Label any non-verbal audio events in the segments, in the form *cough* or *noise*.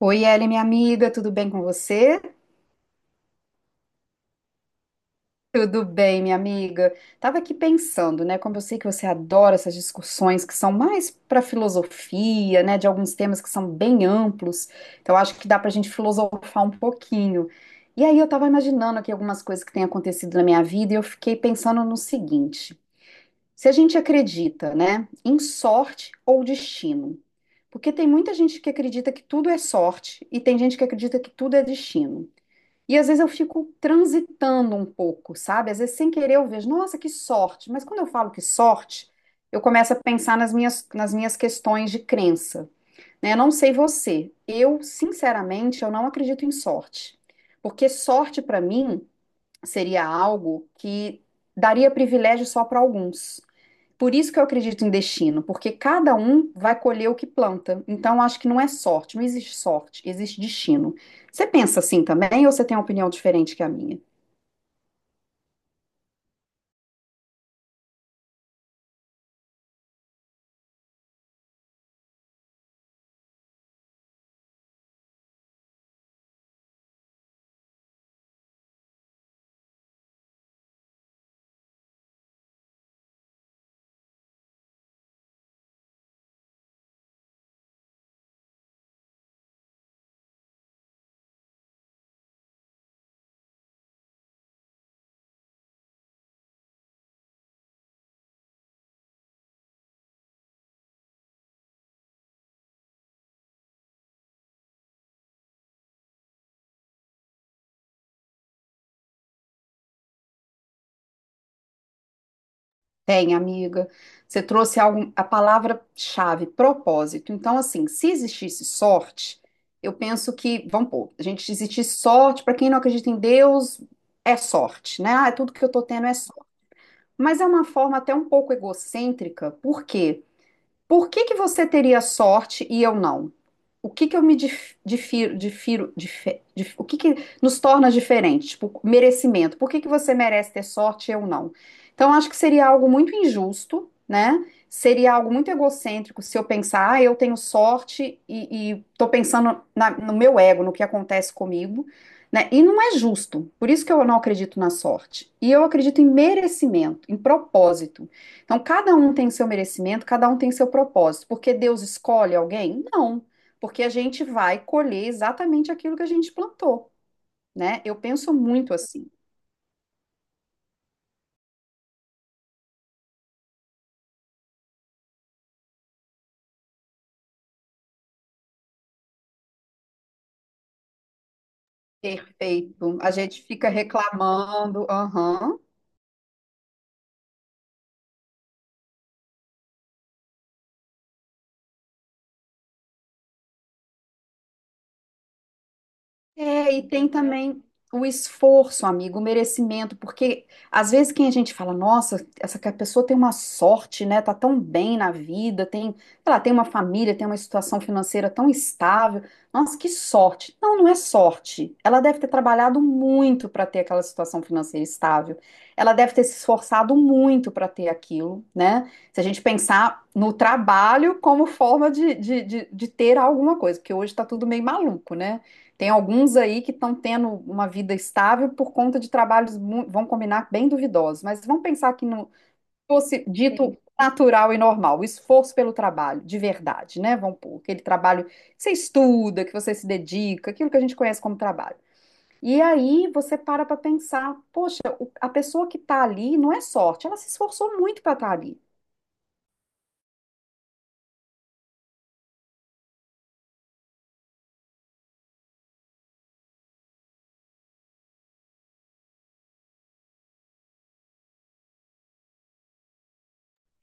Oi, Ellen, minha amiga, tudo bem com você? Tudo bem, minha amiga. Tava aqui pensando, né? Como eu sei que você adora essas discussões que são mais para filosofia, né? De alguns temas que são bem amplos. Então, acho que dá para a gente filosofar um pouquinho. E aí, eu tava imaginando aqui algumas coisas que têm acontecido na minha vida e eu fiquei pensando no seguinte: se a gente acredita, né, em sorte ou destino? Porque tem muita gente que acredita que tudo é sorte e tem gente que acredita que tudo é destino. E às vezes eu fico transitando um pouco, sabe? Às vezes sem querer eu vejo, nossa, que sorte. Mas quando eu falo que sorte, eu começo a pensar nas minhas questões de crença, né? Eu não sei você, eu sinceramente eu não acredito em sorte, porque sorte para mim seria algo que daria privilégio só para alguns. Por isso que eu acredito em destino, porque cada um vai colher o que planta. Então, acho que não é sorte, não existe sorte, existe destino. Você pensa assim também ou você tem uma opinião diferente que a minha? Tem, amiga. Você trouxe algo, a palavra-chave, propósito. Então, assim, se existisse sorte, eu penso que, vamos pôr, a gente se existisse sorte, para quem não acredita em Deus, é sorte, né? Ah, tudo que eu tô tendo é sorte. Mas é uma forma até um pouco egocêntrica, por quê? Por que que você teria sorte e eu não? O que que eu me o que que nos torna diferentes? Tipo, merecimento. Por que que você merece ter sorte e eu não? Então, acho que seria algo muito injusto, né? Seria algo muito egocêntrico se eu pensar, ah, eu tenho sorte e tô pensando no meu ego, no que acontece comigo, né? E não é justo. Por isso que eu não acredito na sorte. E eu acredito em merecimento, em propósito. Então, cada um tem seu merecimento, cada um tem seu propósito. Porque Deus escolhe alguém? Não, porque a gente vai colher exatamente aquilo que a gente plantou, né? Eu penso muito assim. Perfeito. A gente fica reclamando, aham. É, e tem também o esforço, amigo, o merecimento, porque às vezes quem a gente fala, nossa, essa que a pessoa tem uma sorte, né? Tá tão bem na vida, tem, sei lá, tem uma família, tem uma situação financeira tão estável. Nossa, que sorte. Não, não é sorte. Ela deve ter trabalhado muito para ter aquela situação financeira estável. Ela deve ter se esforçado muito para ter aquilo, né? Se a gente pensar no trabalho como forma de ter alguma coisa, porque hoje tá tudo meio maluco, né? Tem alguns aí que estão tendo uma vida estável por conta de trabalhos, vão combinar, bem duvidosos, mas vamos pensar que não fosse dito Sim. natural e normal, o esforço pelo trabalho, de verdade, né? Vamos pôr aquele trabalho que você estuda, que você se dedica, aquilo que a gente conhece como trabalho. E aí você para pensar, poxa, a pessoa que está ali não é sorte, ela se esforçou muito para estar ali.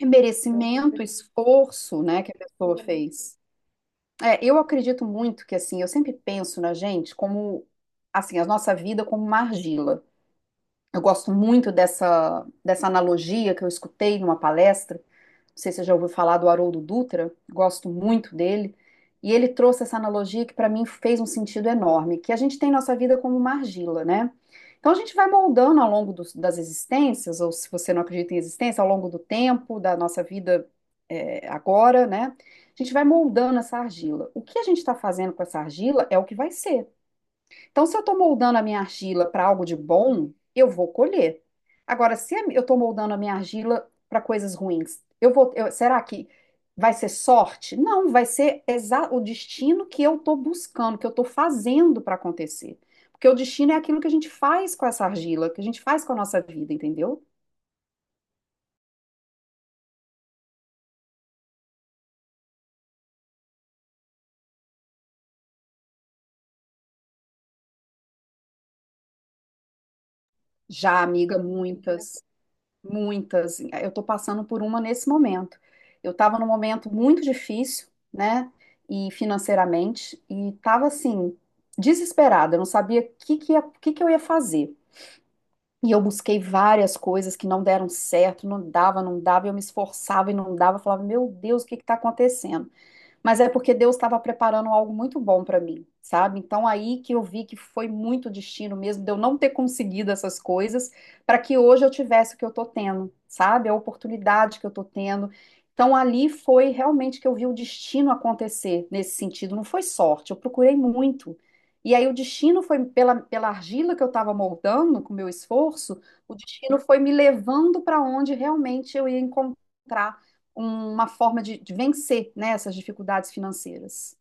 É merecimento, esforço, né, que a pessoa fez. É, eu acredito muito que assim, eu sempre penso na gente como assim, a nossa vida como uma argila. Eu gosto muito dessa analogia que eu escutei numa palestra, não sei se você já ouviu falar do Haroldo Dutra, gosto muito dele. E ele trouxe essa analogia que para mim fez um sentido enorme, que a gente tem nossa vida como uma argila, né? Então a gente vai moldando ao longo das existências, ou se você não acredita em existência, ao longo do tempo, da nossa vida é, agora, né? A gente vai moldando essa argila. O que a gente está fazendo com essa argila é o que vai ser. Então, se eu estou moldando a minha argila para algo de bom, eu vou colher. Agora, se eu estou moldando a minha argila para coisas ruins, será que vai ser sorte? Não, vai ser o destino que eu estou buscando, que eu estou fazendo para acontecer. Porque o destino é aquilo que a gente faz com essa argila, que a gente faz com a nossa vida, entendeu? Já, amiga, muitas. Muitas. Eu estou passando por uma nesse momento. Eu estava num momento muito difícil, né? E financeiramente, e estava assim, desesperada, eu não sabia o que que eu ia fazer. E eu busquei várias coisas que não deram certo, não dava, e eu me esforçava e não dava, eu falava, meu Deus, o que está acontecendo? Mas é porque Deus estava preparando algo muito bom para mim, sabe? Então aí que eu vi que foi muito destino mesmo de eu não ter conseguido essas coisas para que hoje eu tivesse o que eu tô tendo, sabe? A oportunidade que eu tô tendo. Então ali foi realmente que eu vi o destino acontecer nesse sentido, não foi sorte, eu procurei muito. E aí o destino foi pela argila que eu estava moldando com o meu esforço, o destino foi me levando para onde realmente eu ia encontrar uma forma de vencer, né, essas dificuldades financeiras.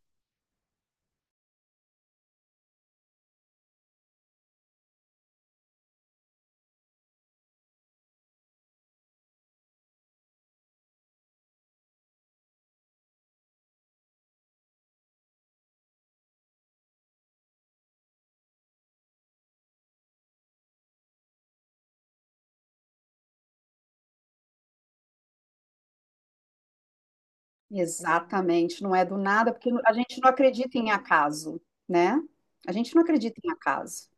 Exatamente, não é do nada, porque a gente não acredita em acaso, né? A gente não acredita em acaso.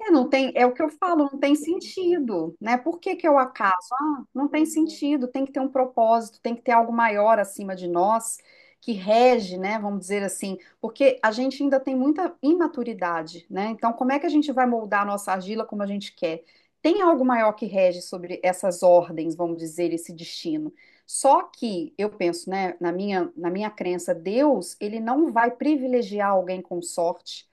É, não tem, é o que eu falo, não tem sentido, né? Por que que é o acaso? Ah, não tem sentido, tem que ter um propósito, tem que ter algo maior acima de nós que rege, né? Vamos dizer assim, porque a gente ainda tem muita imaturidade, né? Então, como é que a gente vai moldar a nossa argila como a gente quer? Tem algo maior que rege sobre essas ordens, vamos dizer, esse destino. Só que eu penso, né, na minha crença, Deus, ele não vai privilegiar alguém com sorte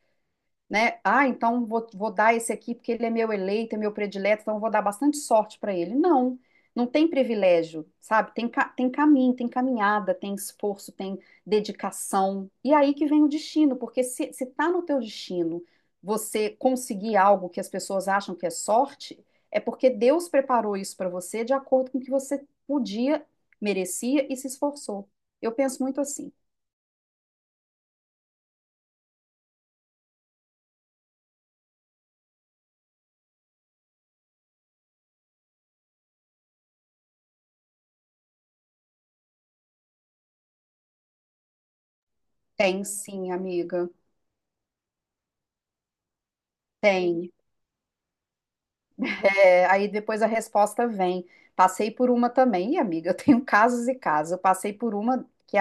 né? Ah, então vou dar esse aqui porque ele é meu eleito, é meu predileto, então eu vou dar bastante sorte para ele. Não, não tem privilégio, sabe? Tem, tem caminho, tem caminhada, tem esforço, tem dedicação. E aí que vem o destino, porque se tá no teu destino você conseguir algo que as pessoas acham que é sorte, é porque Deus preparou isso para você de acordo com o que você podia, merecia e se esforçou. Eu penso muito assim. Tem sim, amiga. Tem. É, aí depois a resposta vem. Passei por uma também, e amiga, eu tenho *laughs* casos e casos. Eu passei por uma que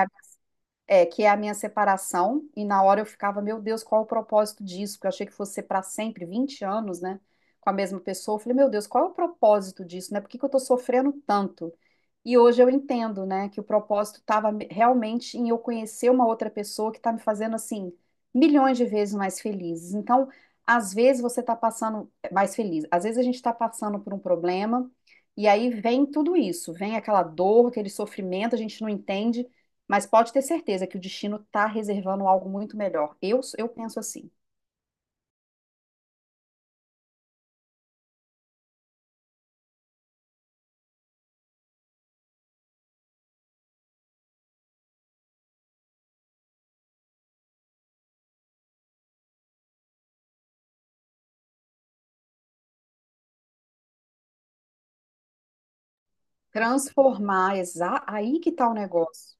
é, que é a minha separação, e na hora eu ficava, meu Deus, qual é o propósito disso? Porque eu achei que fosse ser para sempre, 20 anos, né, com a mesma pessoa. Eu falei, meu Deus, qual é o propósito disso, né? Por que que eu tô sofrendo tanto? E hoje eu entendo, né, que o propósito estava realmente em eu conhecer uma outra pessoa que tá me fazendo, assim, milhões de vezes mais felizes. Então, às vezes você tá passando é, mais feliz, às vezes a gente tá passando por um problema, e aí vem tudo isso, vem aquela dor, aquele sofrimento, a gente não entende. Mas pode ter certeza que o destino está reservando algo muito melhor. Eu penso assim. Transformar, aí que está o negócio.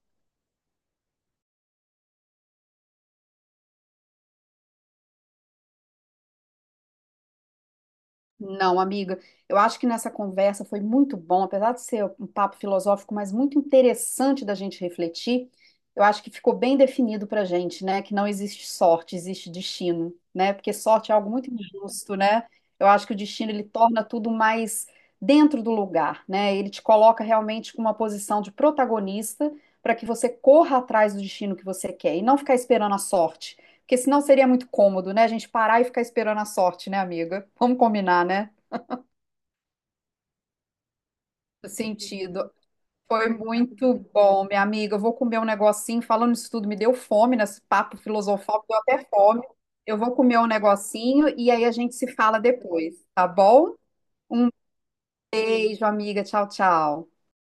Não, amiga, eu acho que nessa conversa foi muito bom, apesar de ser um papo filosófico, mas muito interessante da gente refletir. Eu acho que ficou bem definido pra gente, né? Que não existe sorte, existe destino, né? Porque sorte é algo muito injusto, né? Eu acho que o destino ele torna tudo mais dentro do lugar, né? Ele te coloca realmente com uma posição de protagonista para que você corra atrás do destino que você quer e não ficar esperando a sorte. Porque senão seria muito cômodo, né? A gente parar e ficar esperando a sorte, né, amiga? Vamos combinar, né? No sentido. Foi muito bom, minha amiga. Eu vou comer um negocinho. Falando isso tudo, me deu fome nesse papo filosofal, me deu até fome. Eu vou comer um negocinho e aí a gente se fala depois, tá bom? Um beijo, amiga. Tchau, tchau.